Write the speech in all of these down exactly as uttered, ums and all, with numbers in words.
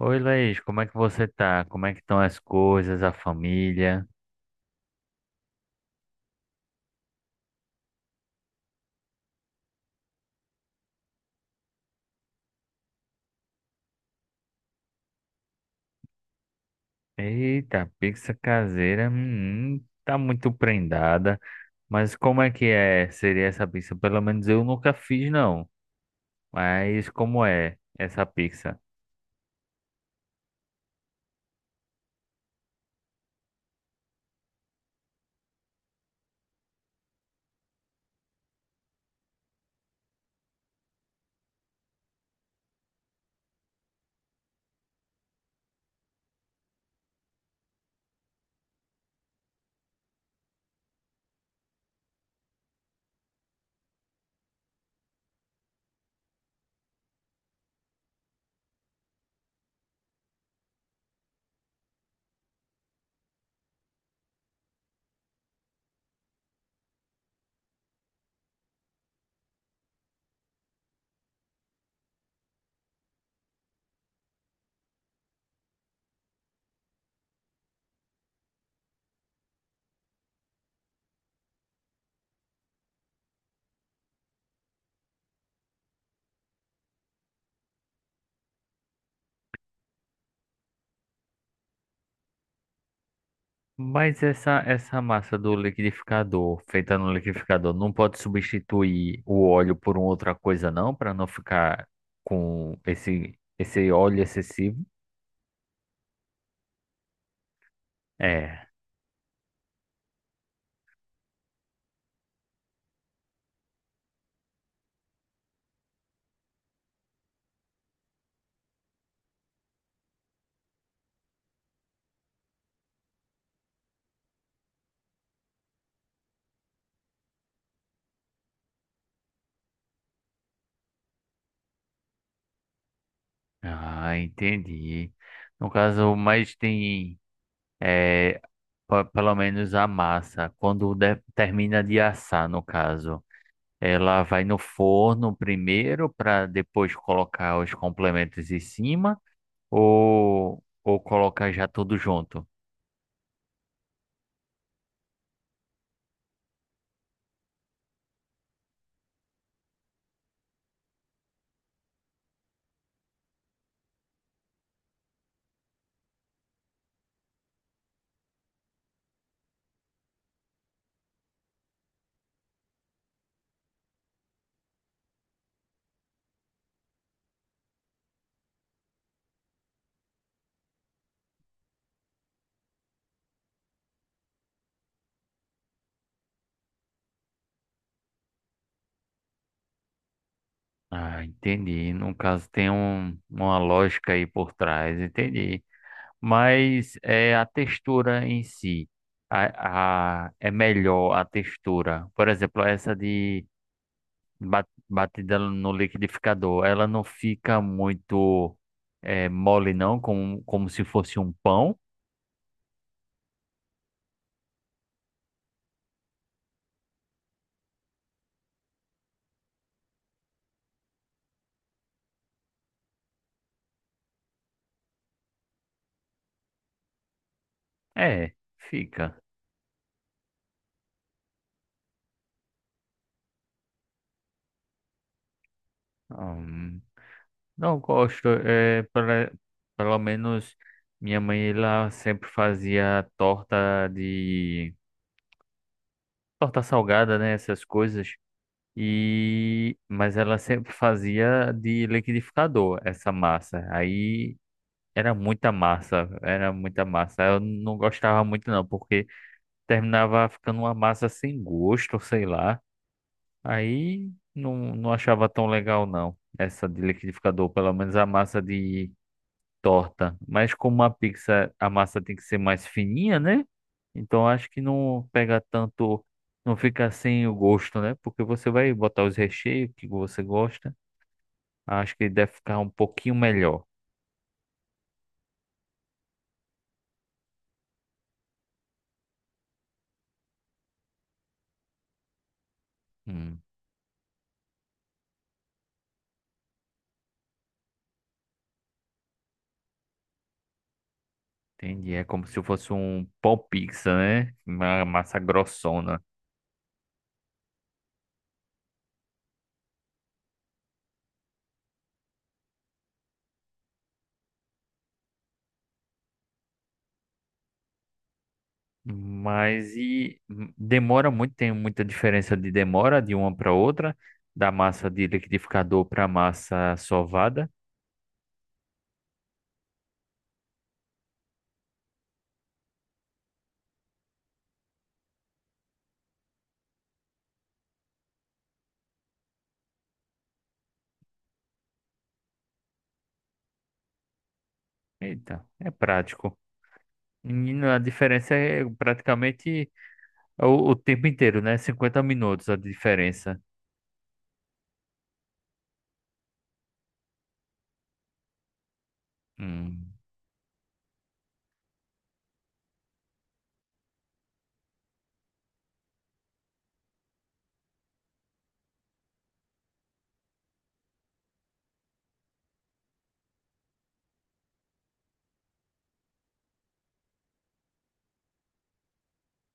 Oi, Laís, como é que você tá? Como é que estão as coisas, a família? Eita, pizza caseira, hum, tá muito prendada. Mas como é que é? Seria essa pizza? Pelo menos eu nunca fiz, não. Mas como é essa pizza? Mas essa, essa massa do liquidificador, feita no liquidificador, não pode substituir o óleo por uma outra coisa, não? Para não ficar com esse, esse óleo excessivo? É. Ah, entendi. No caso, mas tem, é, pe- pelo menos a massa, quando de- termina de assar, no caso, ela vai no forno primeiro para depois colocar os complementos em cima ou, ou colocar já tudo junto? Ah, entendi. No caso, tem um, uma lógica aí por trás, entendi. Mas é a textura em si. A, a, é melhor a textura. Por exemplo, essa de ba- batida no liquidificador, ela não fica muito é, mole, não, como, como se fosse um pão. É, fica. Hum, não gosto. É, pela- pelo menos minha mãe ela sempre fazia torta de. Torta salgada, né? Essas coisas. E mas ela sempre fazia de liquidificador essa massa. Aí era muita massa, era muita massa. Eu não gostava muito não, porque terminava ficando uma massa sem gosto, sei lá. Aí não, não achava tão legal não, essa de liquidificador, pelo menos a massa de torta. Mas como uma pizza, a massa tem que ser mais fininha, né? Então acho que não pega tanto, não fica sem o gosto, né? Porque você vai botar os recheios que você gosta. Acho que deve ficar um pouquinho melhor. Hum, entendi. É como se fosse um pão pizza, né? Uma massa grossona. Mas e hum, demora muito, tem muita diferença de demora de uma para outra, da massa de liquidificador para massa sovada. Eita, é prático. Menino, a diferença é praticamente o, o tempo inteiro, né? Cinquenta minutos a diferença. Hum,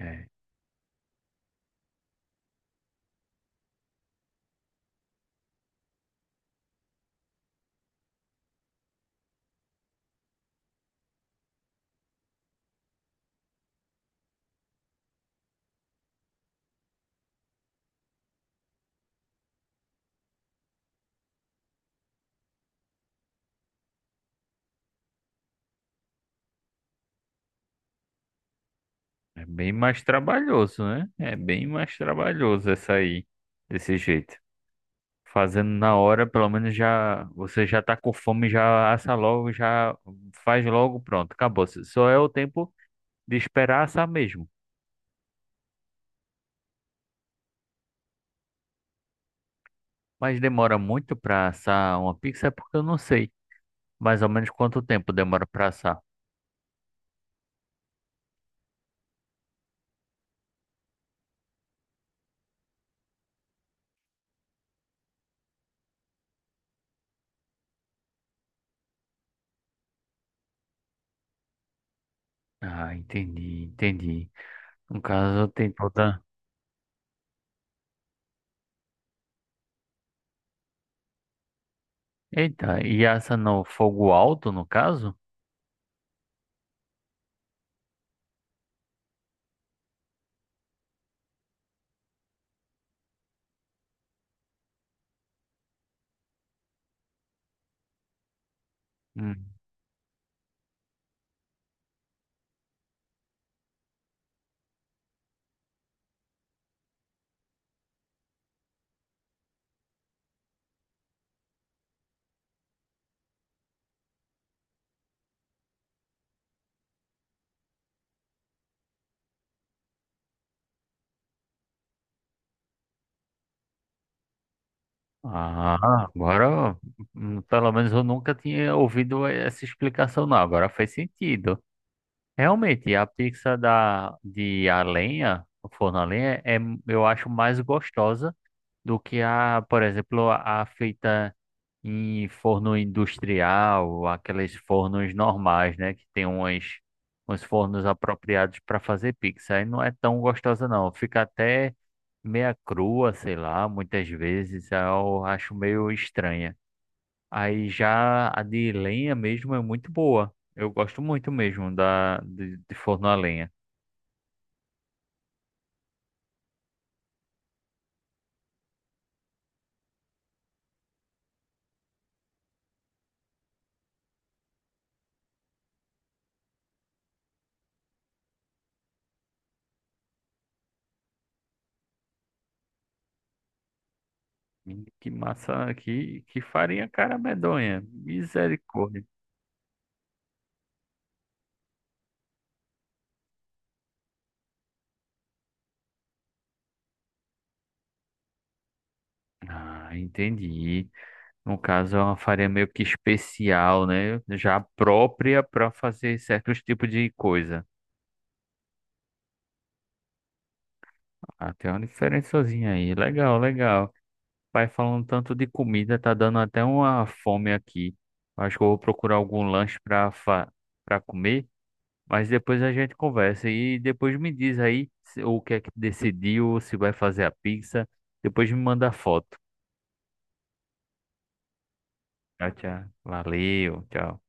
é, é bem mais trabalhoso, né? É bem mais trabalhoso essa aí, desse jeito. Fazendo na hora, pelo menos já você já tá com fome, já assa logo, já faz logo, pronto, acabou. Se Só é o tempo de esperar assar mesmo. Mas demora muito para assar uma pizza, é porque eu não sei mais ou menos quanto tempo demora para assar. Ah, entendi, entendi. No caso, tem toda. Eita, e essa no fogo alto, no caso? Hum. Ah, agora, hum, pelo menos eu nunca tinha ouvido essa explicação, não. Agora faz sentido. Realmente, a pizza da, de a lenha, o forno a lenha, é, eu acho mais gostosa do que a, por exemplo, a a feita em forno industrial, aqueles fornos normais, né? Que tem uns, uns fornos apropriados para fazer pizza. Aí não é tão gostosa, não. Fica até meia crua, sei lá, muitas vezes. Aí eu acho meio estranha. Aí já a de lenha mesmo é muito boa. Eu gosto muito mesmo da, de, de forno a lenha. Hum, Que massa, que, que farinha cara medonha. Misericórdia. Ah, entendi. No caso, é uma farinha meio que especial, né? Já própria para fazer certos tipos de coisa. Até uma diferençazinha aí. Legal, legal. Vai falando tanto de comida, tá dando até uma fome aqui. Acho que eu vou procurar algum lanche para para comer, mas depois a gente conversa e depois me diz aí se- o que é que decidiu, se vai fazer a pizza. Depois me manda foto. Tchau, tchau. Valeu, tchau.